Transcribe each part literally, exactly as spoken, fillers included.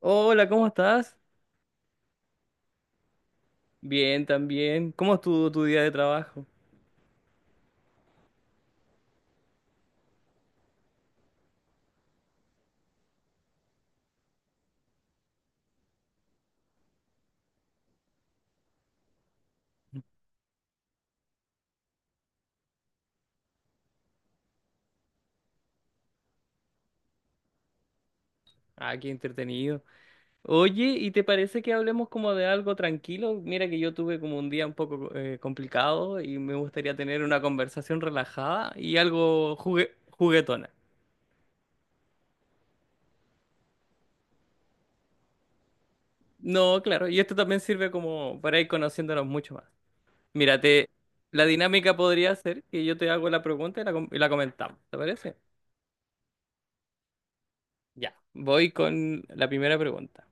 Hola, ¿cómo estás? Bien, también. ¿Cómo estuvo tu día de trabajo? Ah, qué entretenido. Oye, ¿y te parece que hablemos como de algo tranquilo? Mira que yo tuve como un día un poco eh, complicado y me gustaría tener una conversación relajada y algo jugue- juguetona. No, claro, y esto también sirve como para ir conociéndonos mucho más. Mira, te- la dinámica podría ser que yo te hago la pregunta y la, com- y la comentamos, ¿te parece? Ya, voy con la primera pregunta.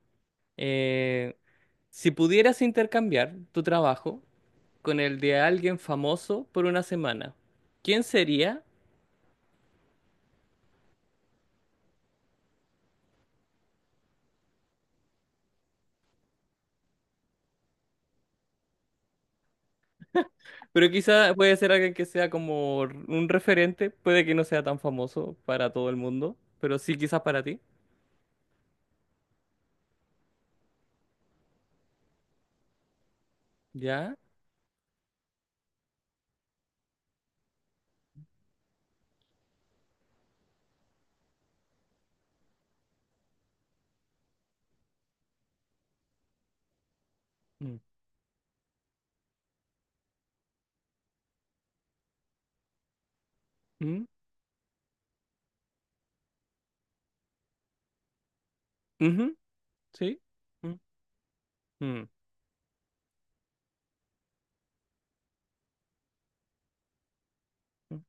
Eh, si pudieras intercambiar tu trabajo con el de alguien famoso por una semana, ¿quién sería? Pero quizá puede ser alguien que sea como un referente, puede que no sea tan famoso para todo el mundo, pero sí quizás para ti. ¿Ya? Mm, mm, ujú. ¿Sí? Mm, mm, mm.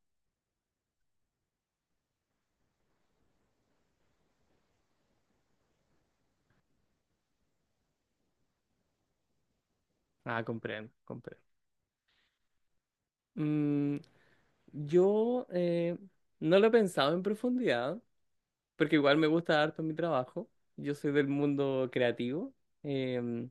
Ah, comprendo, comprendo. Mm, yo eh, no lo he pensado en profundidad, porque igual me gusta harto mi trabajo. Yo soy del mundo creativo. Em,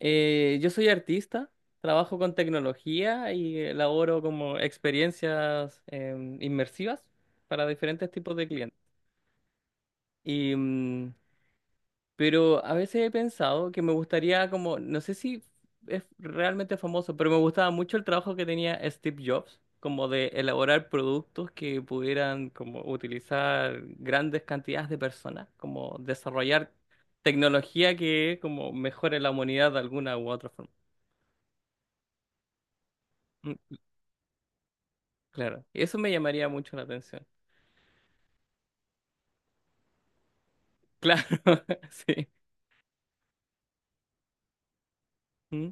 eh, yo soy artista, trabajo con tecnología y elaboro como experiencias em, inmersivas para diferentes tipos de clientes. Y mm, Pero a veces he pensado que me gustaría como, no sé si es realmente famoso, pero me gustaba mucho el trabajo que tenía Steve Jobs, como de elaborar productos que pudieran como utilizar grandes cantidades de personas, como desarrollar tecnología que como mejore la humanidad de alguna u otra forma. Mm, claro, eso me llamaría mucho la atención. Claro, sí. Mm.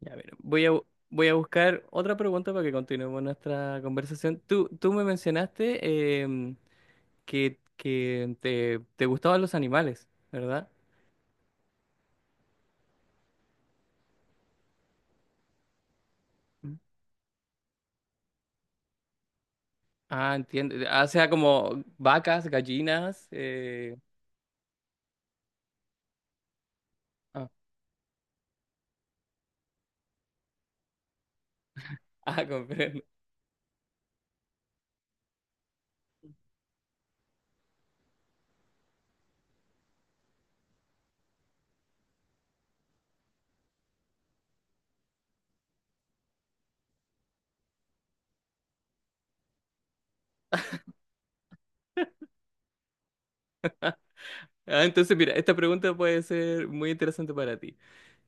Ya, a ver, voy a, bu- voy a buscar otra pregunta para que continuemos nuestra conversación. Tú, tú me mencionaste em, que, que te, te gustaban los animales, ¿verdad? Mm. Ah, entiendo. Ah, o sea, como vacas, gallinas. eh, Ah, ah, comprendo. Ah, entonces, mira, esta pregunta puede ser muy interesante para ti.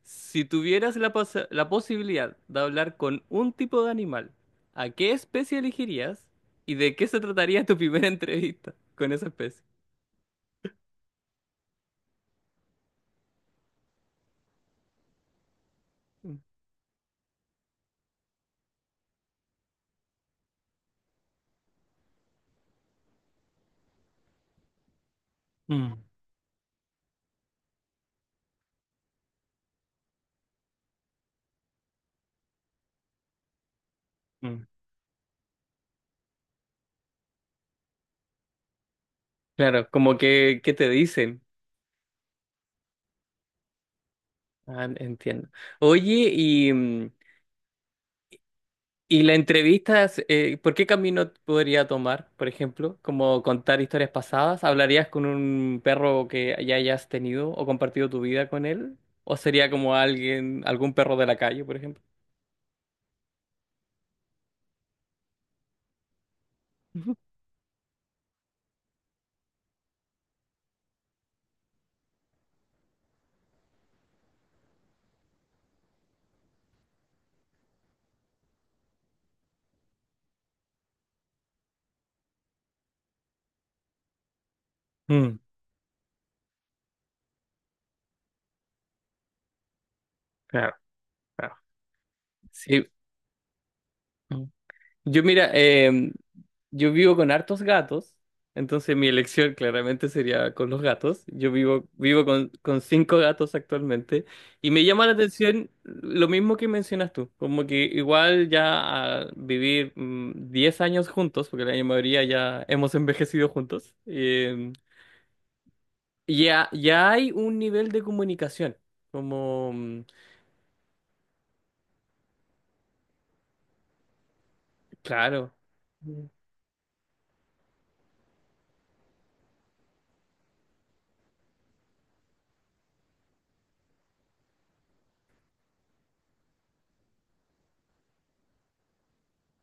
Si tuvieras la, posa- la posibilidad de hablar con un tipo de animal, ¿a qué especie elegirías y de qué se trataría tu primera entrevista con esa especie? Mm, mm. Claro, como que, ¿qué te dicen? Ah, entiendo. Oye, y, mm, y la entrevista, es, eh, ¿por qué camino podría tomar, por ejemplo? Como contar historias pasadas. ¿Hablarías con un perro que ya hayas tenido o compartido tu vida con él? ¿O sería como alguien, algún perro de la calle, por ejemplo? Mm, claro, claro. Sí. Yo mira, em, yo vivo con hartos gatos, entonces mi elección claramente sería con los gatos. Yo vivo, vivo con, con cinco gatos actualmente y me llama la atención lo mismo que mencionas tú, como que igual ya al vivir mm, diez años juntos, porque la mayoría ya hemos envejecido juntos. Em, ya, ya hay un nivel de comunicación, como, mm, claro.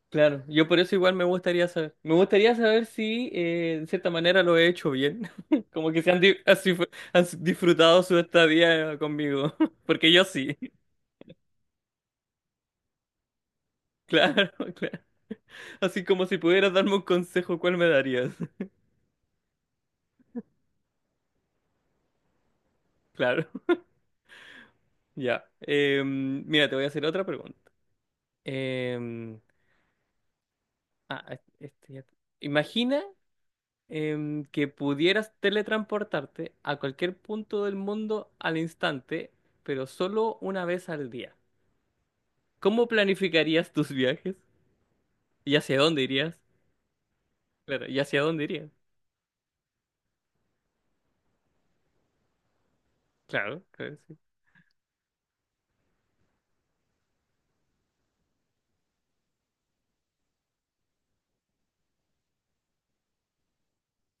Claro, yo por eso igual me gustaría saber. Me gustaría saber si eh, de cierta manera lo he hecho bien. Como que se han, di- así fue- han s- disfrutado su estadía conmigo. Porque yo sí. Claro, claro. Así como si pudieras darme un consejo, ¿cuál me darías? Claro, ya. Em, mira, te voy a hacer otra pregunta. Em, ah, es- este ya- Imagina em, que pudieras teletransportarte a cualquier punto del mundo al instante, pero solo una vez al día. ¿Cómo planificarías tus viajes? ¿Y hacia dónde irías? Claro, ¿y hacia dónde irías? Claro, claro, sí.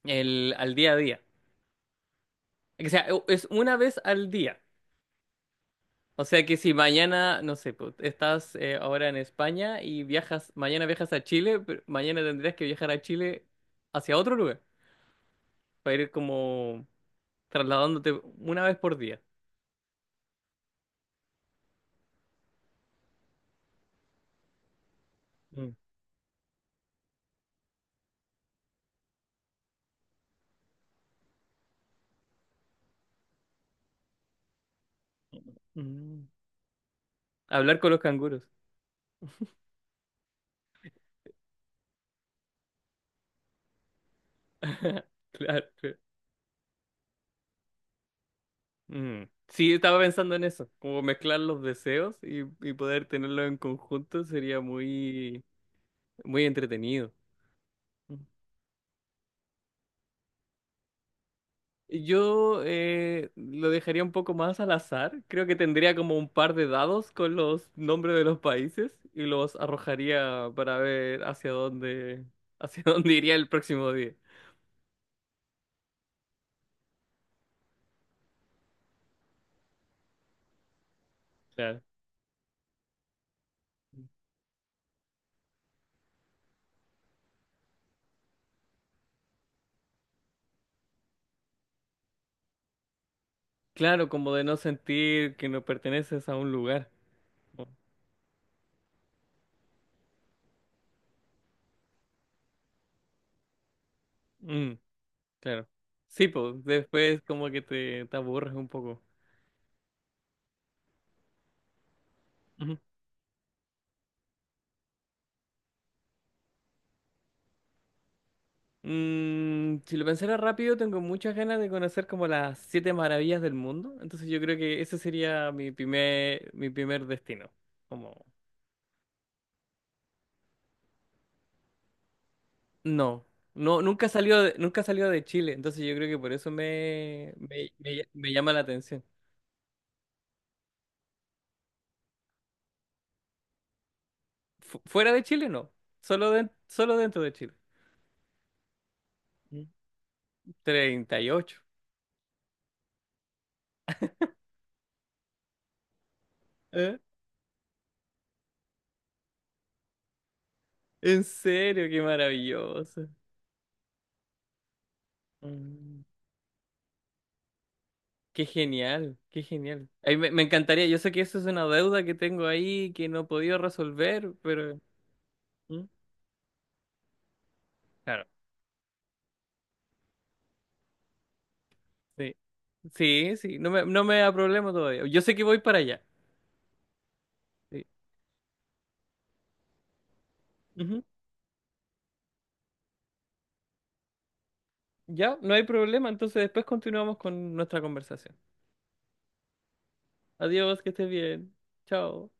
El, al día a día. O sea, u- es una vez al día. O sea que si mañana, no sé, pues, estás eh, ahora en España y viajas, mañana viajas a Chile, pero mañana tendrías que viajar a Chile hacia otro lugar, para ir como trasladándote una vez por día. Mm. Mm. Hablar con los canguros. Claro, claro. Mm. Sí, estaba pensando en eso, como mezclar los deseos y, y poder tenerlos en conjunto sería muy, muy entretenido. Yo eh, lo dejaría un poco más al azar, creo que tendría como un par de dados con los nombres de los países y los arrojaría para ver hacia dónde, hacia dónde iría el próximo día. Claro. Claro, como de no sentir que no perteneces a un lugar. Mm, claro. Sí, pues después como que te, te aburres un poco. Ujú. Mm, si lo pensara rápido, tengo muchas ganas de conocer como las siete maravillas del mundo. Entonces yo creo que ese sería mi primer, mi primer destino. Como, no, no, nunca salió de, nunca salió de Chile. Entonces yo creo que por eso me, me, me- me llama la atención. Fu- fuera de Chile, no. Solo, den- solo dentro de Chile. Mm. treinta y ocho. ¿Eh? En serio, qué maravilloso. Mm. Qué genial, qué genial. Ay, me, me encantaría, yo sé que eso es una deuda que tengo ahí que no he podido resolver, pero... ¿Mm? Claro. Sí, sí, sí, no me, no me da problema todavía. Yo sé que voy para allá. Sí. Ujú. Ya, no hay problema, entonces después continuamos con nuestra conversación. Adiós, que estés bien. Chao.